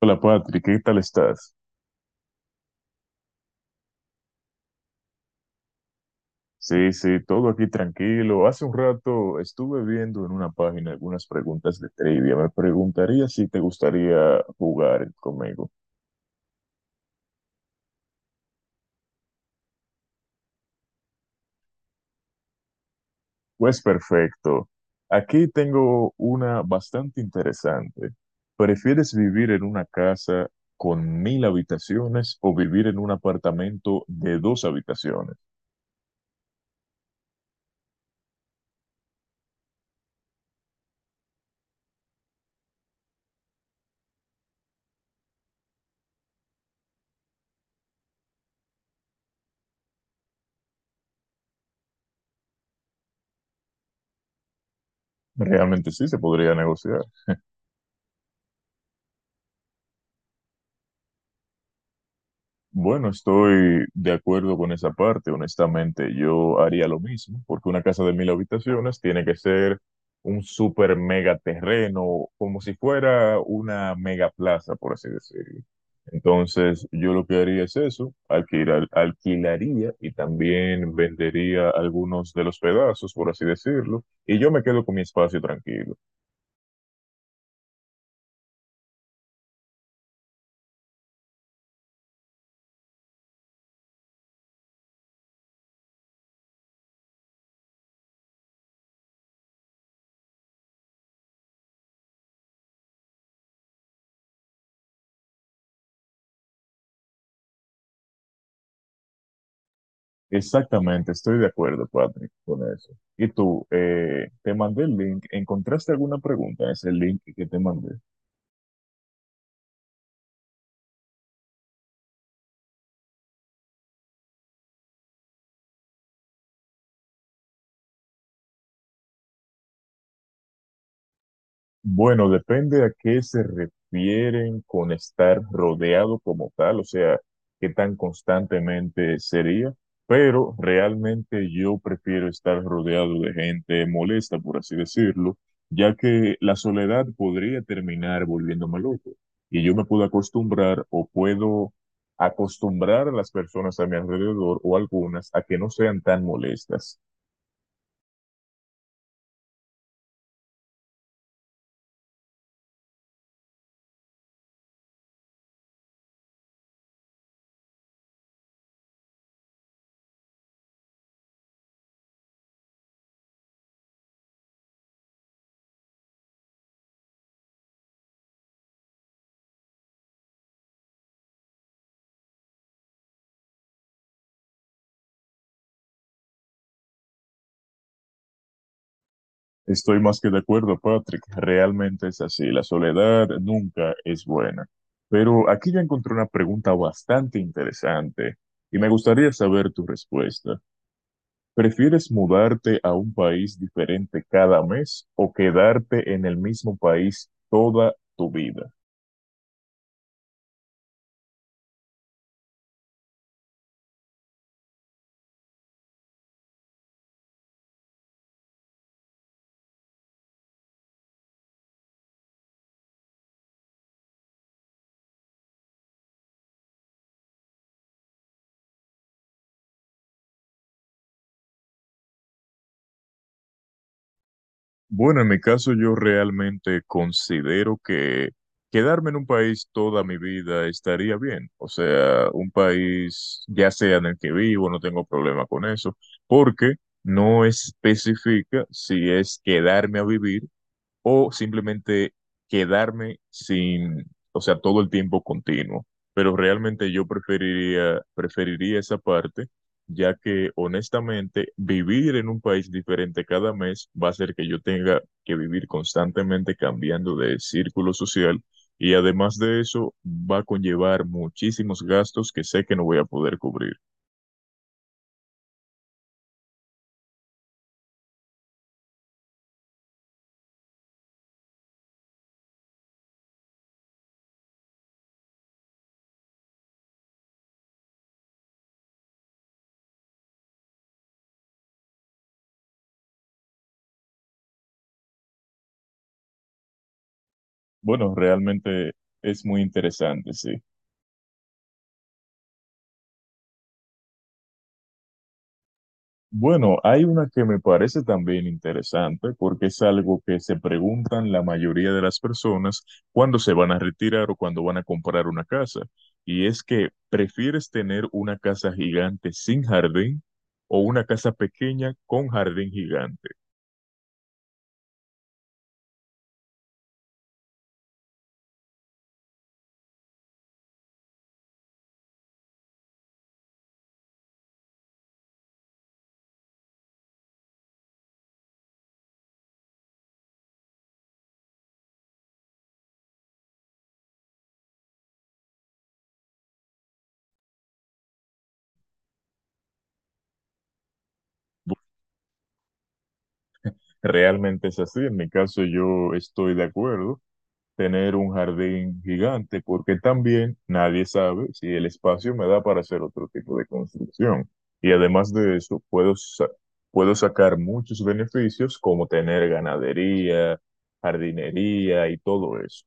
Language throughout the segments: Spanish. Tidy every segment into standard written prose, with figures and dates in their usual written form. Hola Patrick, ¿qué tal estás? Sí, sí, todo aquí tranquilo. Hace un rato estuve viendo en una página algunas preguntas de trivia. Me preguntaría si te gustaría jugar conmigo. Pues perfecto. Aquí tengo una bastante interesante. ¿Prefieres vivir en una casa con 1000 habitaciones o vivir en un apartamento de dos habitaciones? Realmente sí se podría negociar. Bueno, estoy de acuerdo con esa parte. Honestamente, yo haría lo mismo, porque una casa de 1000 habitaciones tiene que ser un super mega terreno, como si fuera una mega plaza, por así decirlo. Entonces, yo lo que haría es eso, alquilar, alquilaría y también vendería algunos de los pedazos, por así decirlo, y yo me quedo con mi espacio tranquilo. Exactamente, estoy de acuerdo, Patrick, con eso. Y tú, te mandé el link. ¿Encontraste alguna pregunta en ese link que te mandé? Bueno, depende a qué se refieren con estar rodeado como tal, o sea, qué tan constantemente sería, pero realmente yo prefiero estar rodeado de gente molesta, por así decirlo, ya que la soledad podría terminar volviéndome loco y yo me puedo acostumbrar o puedo acostumbrar a las personas a mi alrededor o algunas a que no sean tan molestas. Estoy más que de acuerdo, Patrick. Realmente es así. La soledad nunca es buena. Pero aquí ya encontré una pregunta bastante interesante y me gustaría saber tu respuesta. ¿Prefieres mudarte a un país diferente cada mes o quedarte en el mismo país toda tu vida? Bueno, en mi caso yo realmente considero que quedarme en un país toda mi vida estaría bien. O sea, un país ya sea en el que vivo, no tengo problema con eso, porque no especifica si es quedarme a vivir o simplemente quedarme sin, o sea, todo el tiempo continuo. Pero realmente yo preferiría, preferiría esa parte, ya que honestamente vivir en un país diferente cada mes va a hacer que yo tenga que vivir constantemente cambiando de círculo social y además de eso va a conllevar muchísimos gastos que sé que no voy a poder cubrir. Bueno, realmente es muy interesante, sí. Bueno, hay una que me parece también interesante porque es algo que se preguntan la mayoría de las personas cuando se van a retirar o cuando van a comprar una casa. Y es que, ¿prefieres tener una casa gigante sin jardín o una casa pequeña con jardín gigante? Realmente es así. En mi caso, yo estoy de acuerdo tener un jardín gigante, porque también nadie sabe si el espacio me da para hacer otro tipo de construcción. Y además de eso, puedo, puedo sacar muchos beneficios como tener ganadería, jardinería y todo eso.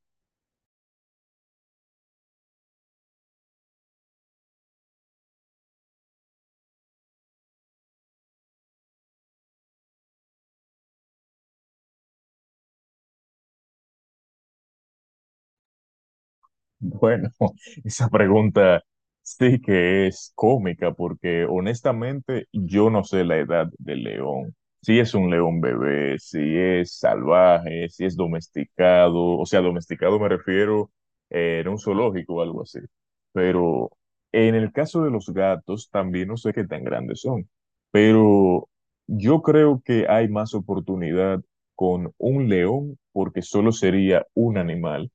Bueno, esa pregunta sí que es cómica porque honestamente yo no sé la edad del león. Si es un león bebé, si es salvaje, si es domesticado, o sea, domesticado me refiero en un zoológico o algo así. Pero en el caso de los gatos también no sé qué tan grandes son, pero yo creo que hay más oportunidad con un león porque solo sería un animal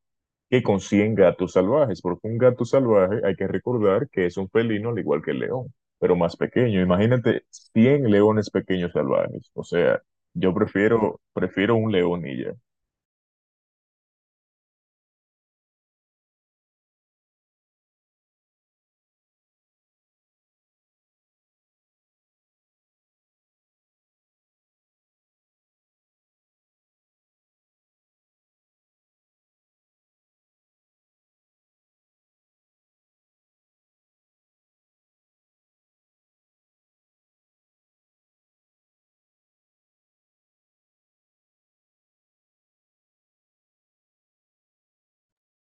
que consiguen gatos salvajes, porque un gato salvaje hay que recordar que es un felino al igual que el león, pero más pequeño. Imagínate 100 leones pequeños salvajes. O sea, yo prefiero, prefiero un león y ya.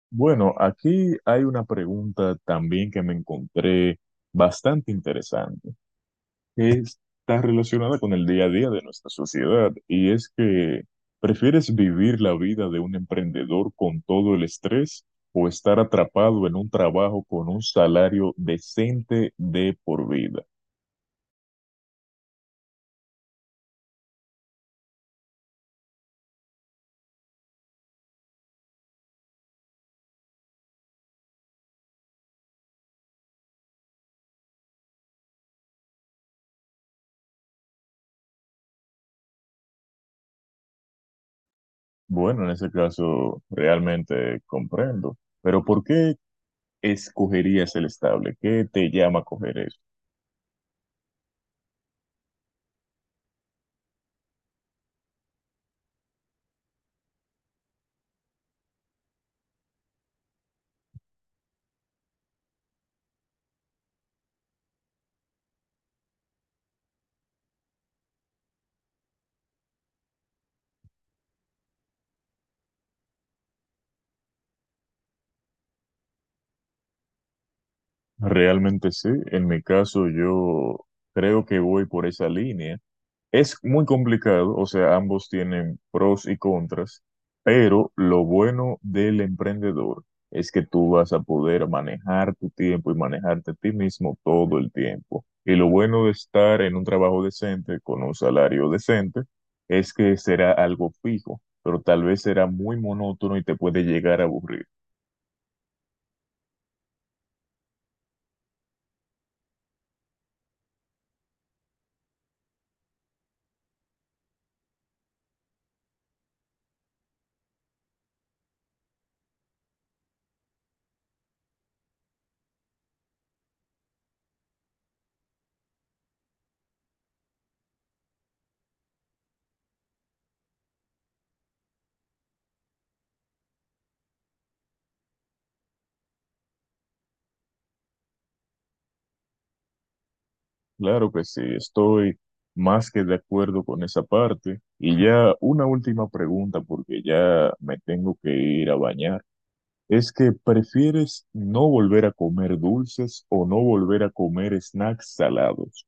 Bueno, aquí hay una pregunta también que me encontré bastante interesante. Que está relacionada con el día a día de nuestra sociedad y es que ¿prefieres vivir la vida de un emprendedor con todo el estrés o estar atrapado en un trabajo con un salario decente de por vida? Bueno, en ese caso realmente comprendo, pero ¿por qué escogerías el estable? ¿Qué te llama a coger eso? Realmente sí, en mi caso yo creo que voy por esa línea. Es muy complicado, o sea, ambos tienen pros y contras, pero lo bueno del emprendedor es que tú vas a poder manejar tu tiempo y manejarte a ti mismo todo el tiempo. Y lo bueno de estar en un trabajo decente, con un salario decente, es que será algo fijo, pero tal vez será muy monótono y te puede llegar a aburrir. Claro que sí, estoy más que de acuerdo con esa parte. Y ya una última pregunta, porque ya me tengo que ir a bañar. Es que prefieres no volver a comer dulces o no volver a comer snacks salados.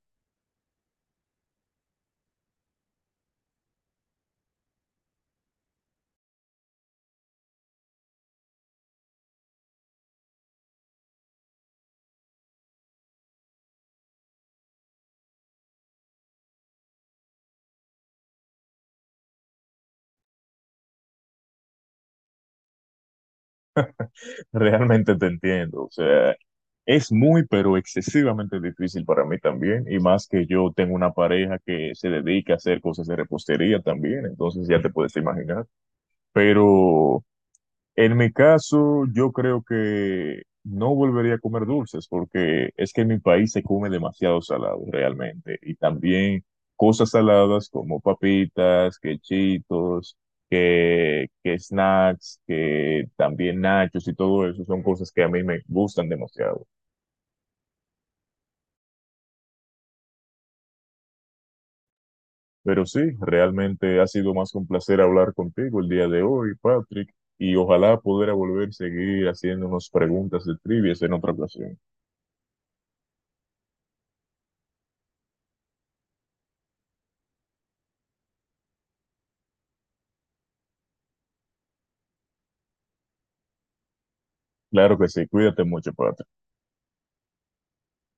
Realmente te entiendo. O sea, es muy, pero excesivamente difícil para mí también. Y más que yo tengo una pareja que se dedica a hacer cosas de repostería también. Entonces ya te puedes imaginar. Pero en mi caso, yo creo que no volvería a comer dulces porque es que en mi país se come demasiado salado realmente y también cosas saladas como papitas, que chitos, que snacks, que también nachos y todo eso son cosas que a mí me gustan demasiado. Pero sí, realmente ha sido más que un placer hablar contigo el día de hoy, Patrick, y ojalá poder volver a seguir haciéndonos preguntas de trivias en otra ocasión. Claro que sí, cuídate mucho, Patrick.